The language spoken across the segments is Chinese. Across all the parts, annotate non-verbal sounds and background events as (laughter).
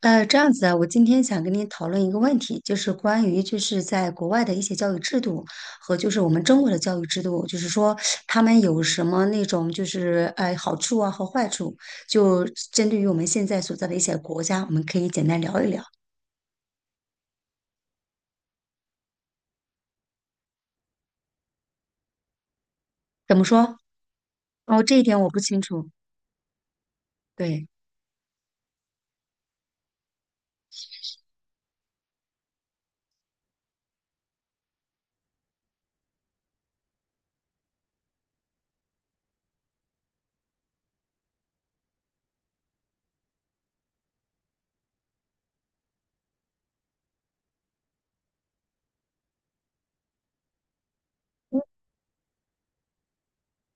这样子啊，我今天想跟你讨论一个问题，就是关于就是在国外的一些教育制度和就是我们中国的教育制度，就是说他们有什么那种就是好处啊和坏处，就针对于我们现在所在的一些国家，我们可以简单聊一聊。怎么说？哦，这一点我不清楚。对。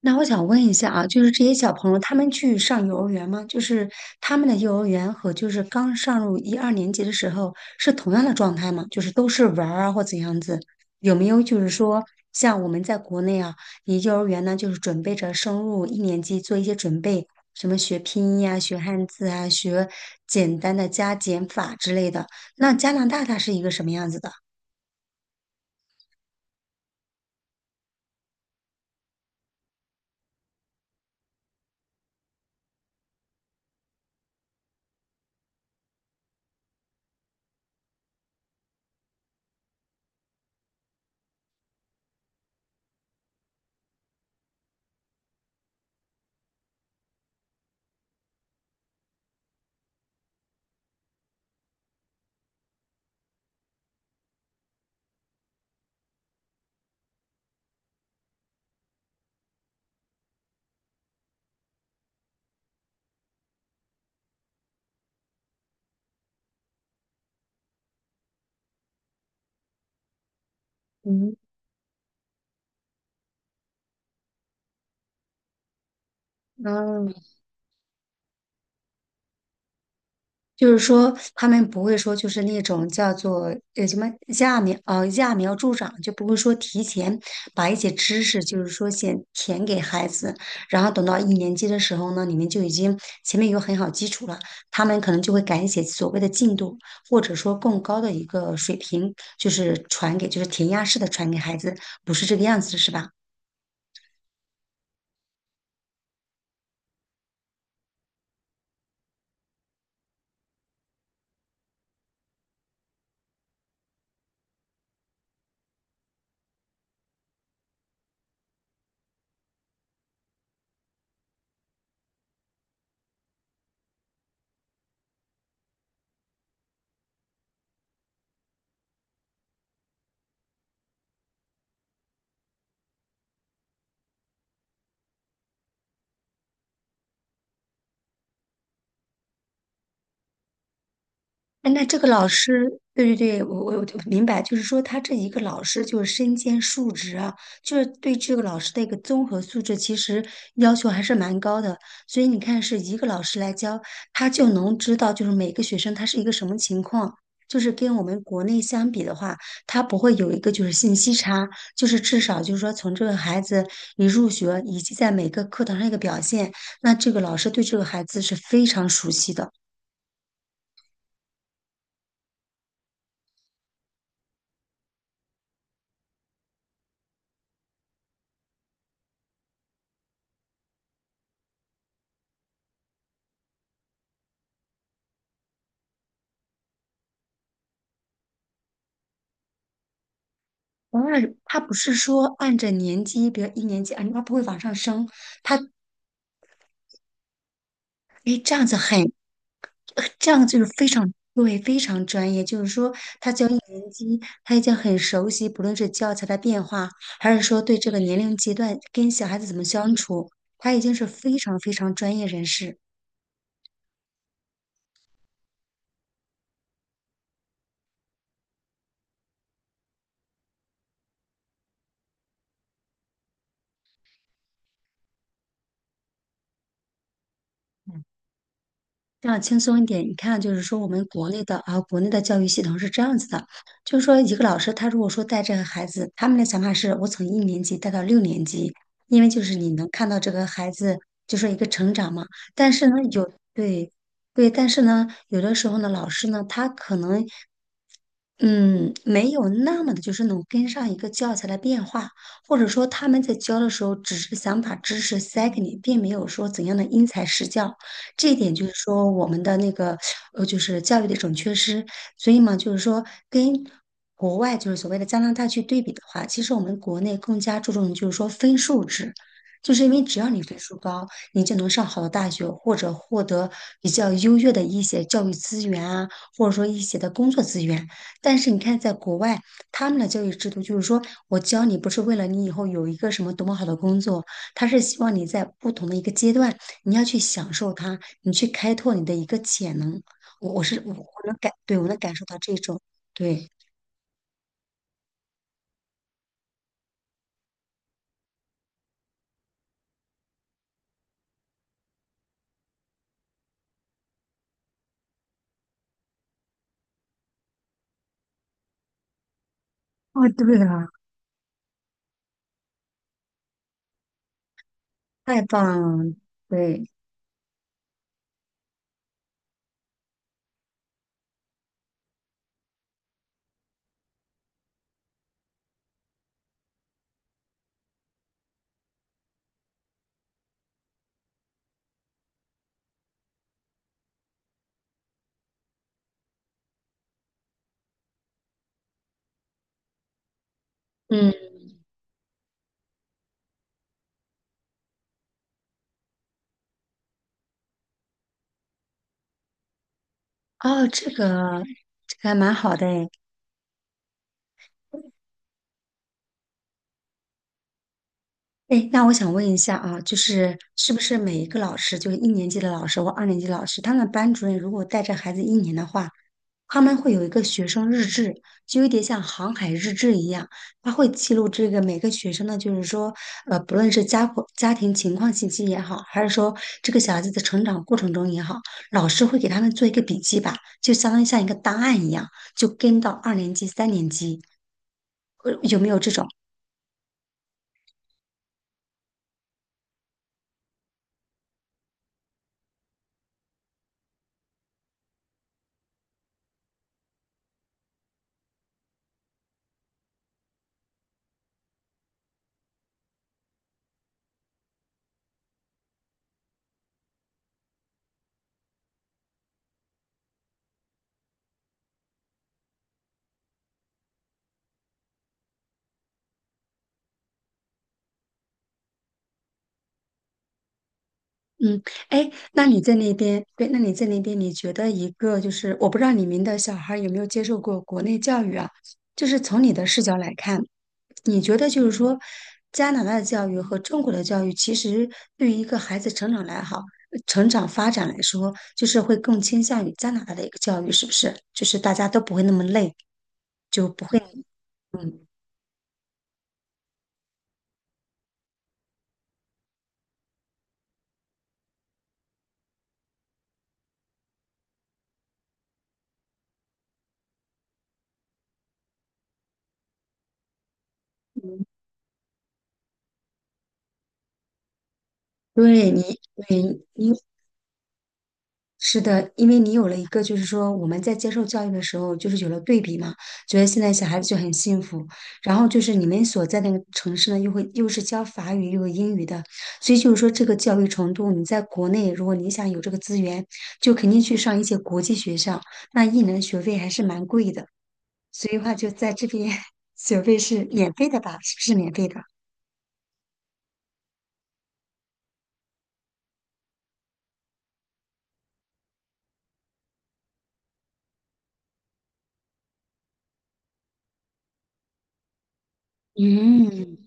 那我想问一下啊，就是这些小朋友他们去上幼儿园吗？就是他们的幼儿园和就是刚上入一二年级的时候是同样的状态吗？就是都是玩儿啊或怎样子？有没有就是说像我们在国内啊，你幼儿园呢就是准备着升入一年级做一些准备，什么学拼音啊、学汉字啊、学简单的加减法之类的。那加拿大它是一个什么样子的？嗯，嗯。就是说，他们不会说，就是那种叫做什么揠苗助长，就不会说提前把一些知识，就是说先填给孩子，然后等到一年级的时候呢，你们就已经前面有很好基础了，他们可能就会赶写所谓的进度，或者说更高的一个水平，就是传给就是填鸭式的传给孩子，不是这个样子，是吧？哎，那这个老师，对对对，我就明白，就是说他这一个老师就是身兼数职啊，就是对这个老师的一个综合素质，其实要求还是蛮高的。所以你看，是一个老师来教，他就能知道就是每个学生他是一个什么情况。就是跟我们国内相比的话，他不会有一个就是信息差，就是至少就是说从这个孩子一入学以及在每个课堂上一个表现，那这个老师对这个孩子是非常熟悉的。然他不是说按着年级，比如一年级，啊，他不会往上升，哎，这样子很，这样就是非常对，非常专业。就是说，他教一年级，他已经很熟悉，不论是教材的变化，还是说对这个年龄阶段跟小孩子怎么相处，他已经是非常非常专业人士。这样轻松一点，你看，就是说我们国内的啊，国内的教育系统是这样子的，就是说一个老师他如果说带这个孩子，他们的想法是我从一年级带到六年级，因为就是你能看到这个孩子就是一个成长嘛。但是呢，对对，但是呢，有的时候呢，老师呢，他可能嗯，没有那么的，就是能跟上一个教材的变化，或者说他们在教的时候，只是想把知识塞给你，并没有说怎样的因材施教。这一点就是说我们的那个就是教育的一种缺失。所以嘛，就是说跟国外就是所谓的加拿大去对比的话，其实我们国内更加注重就是说分数制，就是因为只要你分数高，你就能上好的大学，或者获得比较优越的一些教育资源啊，或者说一些的工作资源。但是你看，在国外，他们的教育制度就是说，我教你不是为了你以后有一个什么多么好的工作，他是希望你在不同的一个阶段，你要去享受它，你去开拓你的一个潜能。我我是我我能感，对，我能感受到这种，对，哦，对啊，太棒了，对，嗯，哦，这个还蛮好的诶。哎，那我想问一下啊，就是是不是每一个老师，就是一年级的老师或二年级的老师，他们班主任如果带着孩子一年的话，他们会有一个学生日志，就有点像航海日志一样，他会记录这个每个学生呢，就是说，不论是家庭情况信息也好，还是说这个小孩子的成长过程中也好，老师会给他们做一个笔记吧，就相当于像一个档案一样，就跟到二年级、三年级，有没有这种？嗯，哎，那你在那边，对，那你在那边，你觉得一个就是，我不知道你们的小孩有没有接受过国内教育啊？就是从你的视角来看。你觉得就是说，加拿大的教育和中国的教育，其实对于一个孩子成长来好，成长发展来说，就是会更倾向于加拿大的一个教育，是不是？就是大家都不会那么累，不会，嗯，对，是的，因为你有了一个，就是说我们在接受教育的时候，就是有了对比嘛，觉得现在小孩子就很幸福。然后就是你们所在那个城市呢，又会又是教法语又有英语的，所以就是说这个教育程度，你在国内如果你想有这个资源，就肯定去上一些国际学校，那一年学费还是蛮贵的。所以话就在这边 (laughs) 学费是免费的吧？是不是免费的？嗯，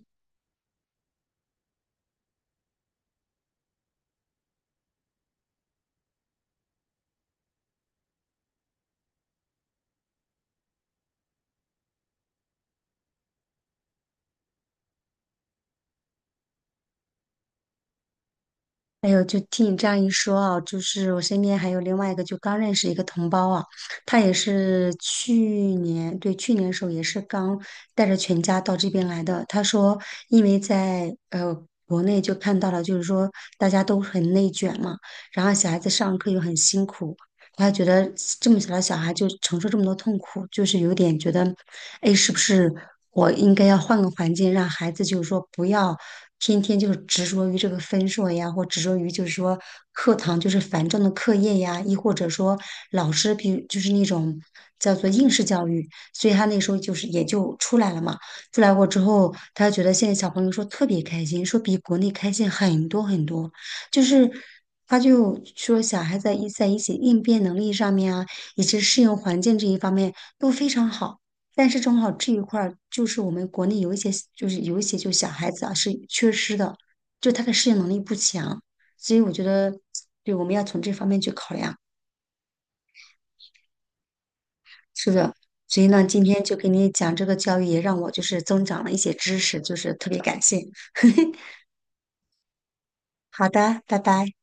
还有，就听你这样一说啊，就是我身边还有另外一个，就刚认识一个同胞啊，他也是对，去年的时候也是刚带着全家到这边来的。他说，因为在国内就看到了，就是说大家都很内卷嘛，然后小孩子上课又很辛苦，他觉得这么小的小孩就承受这么多痛苦，就是有点觉得哎，是不是我应该要换个环境，让孩子就是说不要天天就是执着于这个分数呀，或执着于就是说课堂就是繁重的课业呀，亦或者说老师，比如就是那种叫做应试教育，所以他那时候就是也就出来了嘛。出来过之后，他觉得现在小朋友说特别开心，说比国内开心很多很多，就是。他就说，小孩在一些应变能力上面啊，以及适应环境这一方面都非常好。但是中考这一块儿就是我们国内有一些就小孩子啊是缺失的，就他的适应能力不强，所以我觉得，对，我们要从这方面去考量。是的，所以呢，今天就给你讲这个教育，也让我就是增长了一些知识，就是特别感谢。(laughs) 好的，拜拜。